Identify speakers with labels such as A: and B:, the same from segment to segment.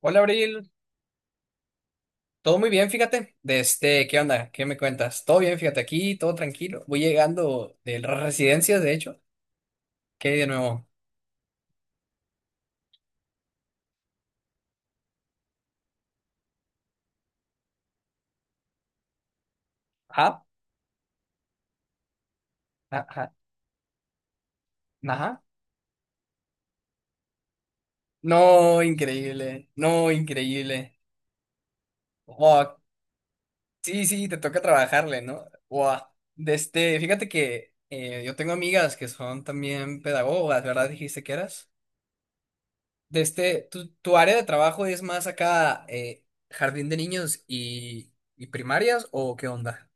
A: Hola, Abril. Todo muy bien, fíjate. De este, ¿qué onda? ¿Qué me cuentas? Todo bien, fíjate, aquí, todo tranquilo. Voy llegando de las residencias, de hecho. ¿Qué hay de nuevo? Ajá, ajá, ajá. No, increíble. No, increíble. Wow. Sí, sí, te toca trabajarle, ¿no? Wow. De este, fíjate que yo tengo amigas que son también pedagogas, ¿verdad? Dijiste que eras. De este, tu área de trabajo es más acá, jardín de niños y primarias, ¿o qué onda?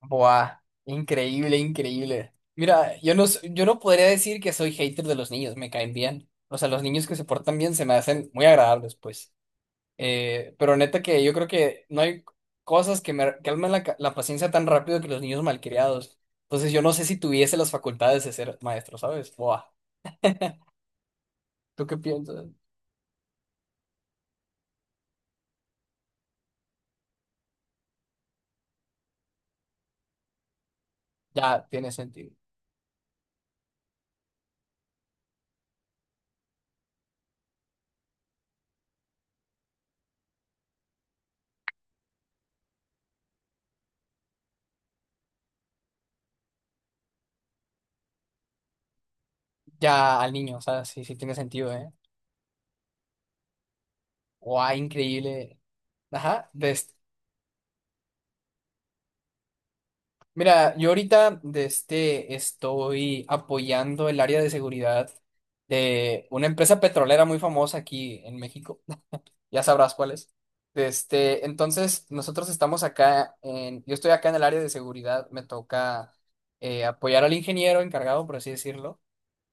A: Buah, increíble, increíble. Mira, yo no, yo no podría decir que soy hater de los niños, me caen bien. O sea, los niños que se portan bien se me hacen muy agradables, pues. Pero neta que yo creo que no hay cosas que me calmen la, la paciencia tan rápido que los niños malcriados. Entonces yo no sé si tuviese las facultades de ser maestro, ¿sabes? Buah, ¿tú qué piensas? Ya tiene sentido. Ya al niño, o sea, sí, sí tiene sentido, ¿eh? Buah, increíble. Ajá, de Mira, yo ahorita de este estoy apoyando el área de seguridad de una empresa petrolera muy famosa aquí en México. Ya sabrás cuál es. De este, entonces, nosotros estamos acá en, yo estoy acá en el área de seguridad, me toca apoyar al ingeniero encargado, por así decirlo,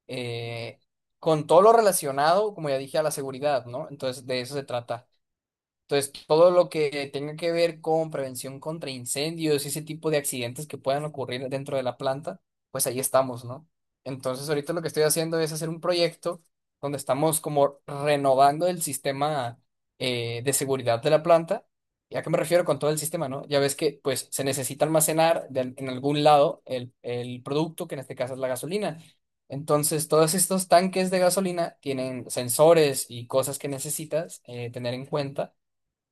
A: eh, con todo lo relacionado, como ya dije, a la seguridad, ¿no? Entonces, de eso se trata entonces, todo lo que tenga que ver con prevención contra incendios y ese tipo de accidentes que puedan ocurrir dentro de la planta, pues ahí estamos, ¿no? Entonces, ahorita lo que estoy haciendo es hacer un proyecto donde estamos como renovando el sistema de seguridad de la planta. ¿Y a qué me refiero con todo el sistema, no? Ya ves que pues se necesita almacenar en algún lado el producto, que en este caso es la gasolina. Entonces, todos estos tanques de gasolina tienen sensores y cosas que necesitas tener en cuenta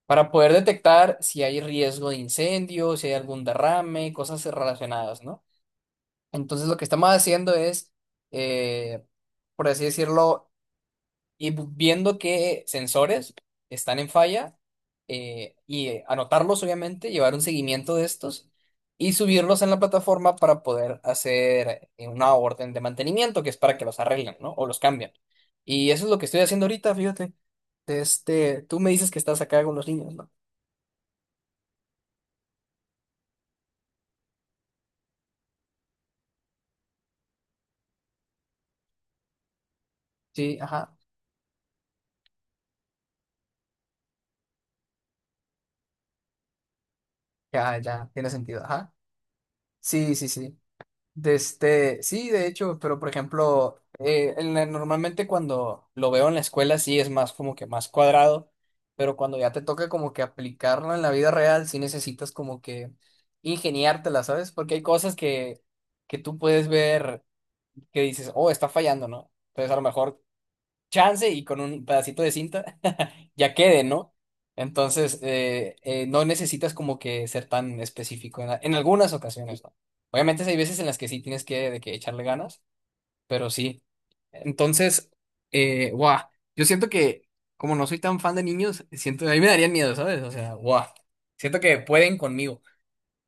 A: para poder detectar si hay riesgo de incendio, si hay algún derrame, cosas relacionadas, ¿no? Entonces lo que estamos haciendo es, eh, por así decirlo, ir viendo qué sensores están en falla y anotarlos, obviamente, llevar un seguimiento de estos y subirlos en la plataforma para poder hacer una orden de mantenimiento, que es para que los arreglen, ¿no? O los cambien. Y eso es lo que estoy haciendo ahorita, fíjate. Este, tú me dices que estás acá con los niños, ¿no? Sí, ajá. Ya, ya, tiene sentido, ajá. Sí, sí, sí. De este, sí, de hecho, pero por ejemplo, en normalmente cuando lo veo en la escuela sí es más como que más cuadrado, pero cuando ya te toca como que aplicarlo en la vida real, sí necesitas como que ingeniártela, ¿sabes? Porque hay cosas que tú puedes ver que dices, oh, está fallando, ¿no? Entonces a lo mejor chance y con un pedacito de cinta ya quede, ¿no? Entonces, no necesitas como que ser tan específico en, en algunas ocasiones, ¿no? Obviamente si hay veces en las que sí tienes que, de que echarle ganas, pero sí. Entonces, guau, yo siento que como no soy tan fan de niños, siento, a mí me darían miedo, ¿sabes? O sea, guau, siento que pueden conmigo.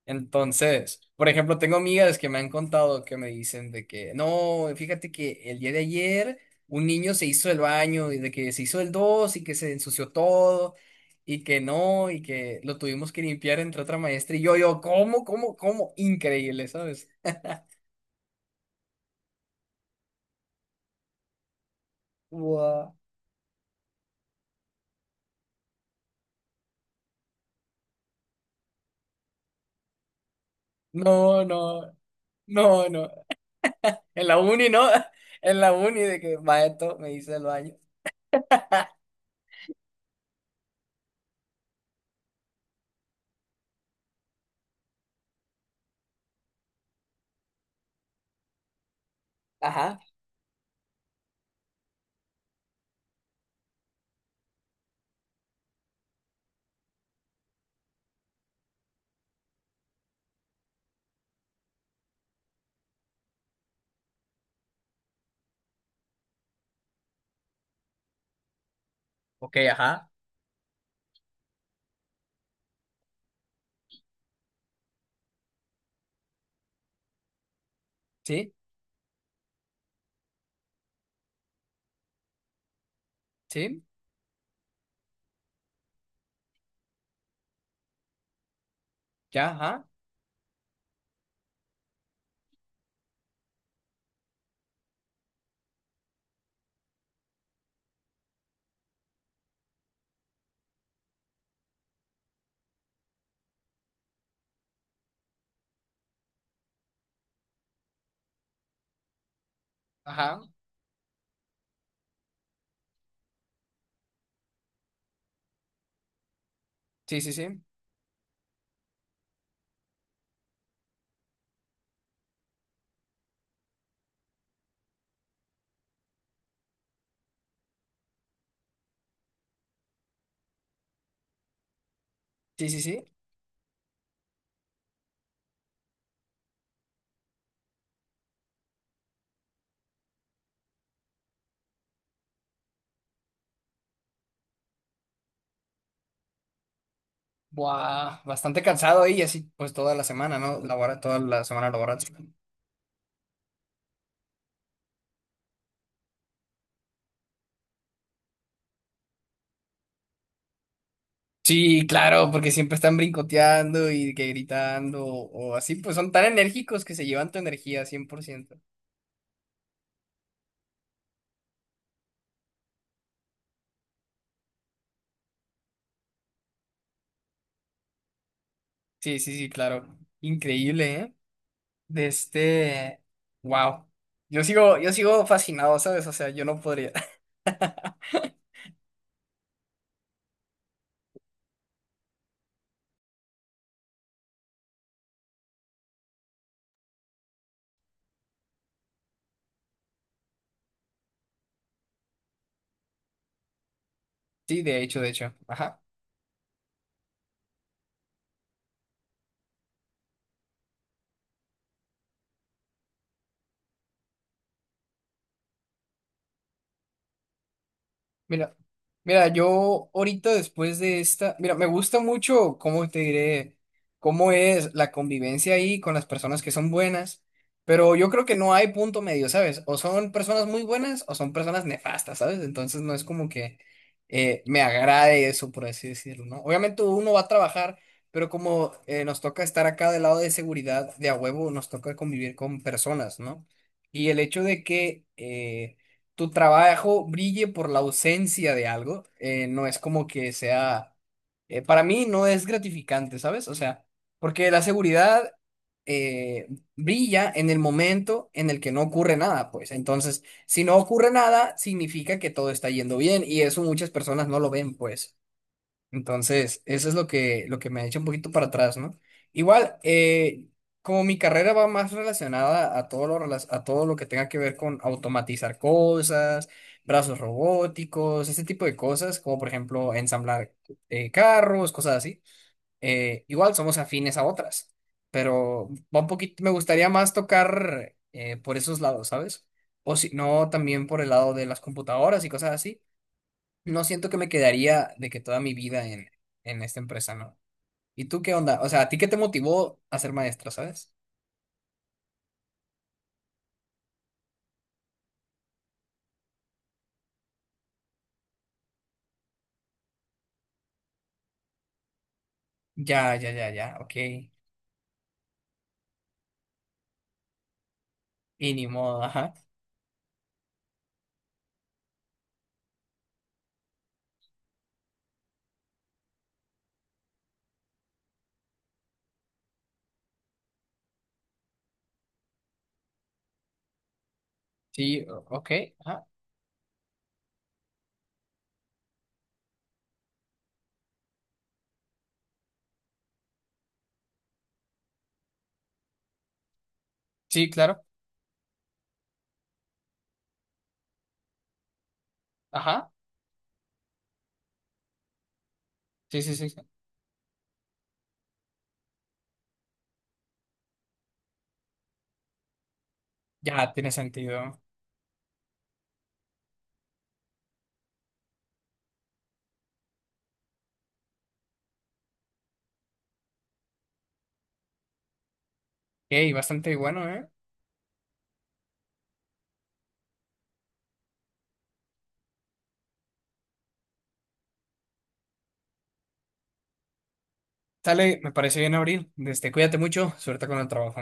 A: Entonces, por ejemplo, tengo amigas que me han contado que me dicen de que, no, fíjate que el día de ayer un niño se hizo el baño y de que se hizo el dos y que se ensució todo y que no, y que lo tuvimos que limpiar entre otra maestra y yo, ¿cómo, cómo, cómo? Increíble, ¿sabes? Wow. No, no, no, no. En la uni, ¿no? En la uni de que maestro me hizo el baño. Ajá. Ok, ajá. Sí, sí, ya, ajá. Ajá. Sí, sí, sí. Sí, sí, sí. Buah, bastante cansado ahí, así pues toda la semana, ¿no? Labora, toda la semana laboral. Sí, claro, porque siempre están brincoteando y que gritando o así, pues son tan enérgicos que se llevan tu energía 100%. Sí, sí, sí, claro. Increíble, ¿eh? De este... Wow. Yo sigo fascinado, ¿sabes? O sea, yo no podría. Sí, de hecho, de hecho. Ajá. Mira, mira, yo ahorita después de esta, mira, me gusta mucho cómo te diré, cómo es la convivencia ahí con las personas que son buenas, pero yo creo que no hay punto medio, ¿sabes? O son personas muy buenas o son personas nefastas, ¿sabes? Entonces no es como que me agrade eso, por así decirlo, ¿no? Obviamente uno va a trabajar, pero como nos toca estar acá del lado de seguridad, de a huevo, nos toca convivir con personas, ¿no? Y el hecho de que... tu trabajo brille por la ausencia de algo, no es como que sea, para mí no es gratificante, ¿sabes? O sea, porque la seguridad eh, brilla en el momento en el que no ocurre nada, pues. Entonces, si no ocurre nada, significa que todo está yendo bien y eso muchas personas no lo ven, pues. Entonces, eso es lo que me echa un poquito para atrás, ¿no? Igual, como mi carrera va más relacionada a todo lo, a todo lo que tenga que ver con automatizar cosas, brazos robóticos, ese tipo de cosas, como por ejemplo ensamblar carros, cosas así, igual somos afines a otras, pero va un poquito, me gustaría más tocar por esos lados, ¿sabes? O si no, también por el lado de las computadoras y cosas así no siento que me quedaría de que toda mi vida en esta empresa, ¿no? ¿Y tú qué onda? O sea, ¿a ti qué te motivó a ser maestro, sabes? Ya, ya, ya, ya, ok. Y ni modo, ajá. Sí, ok, ajá. Sí, claro, ajá. Sí, sí, sí. Sí. Ya, tiene sentido. Ok, bastante bueno, ¿eh? Sale, me parece bien abrir. Este, cuídate mucho, suerte con el trabajo.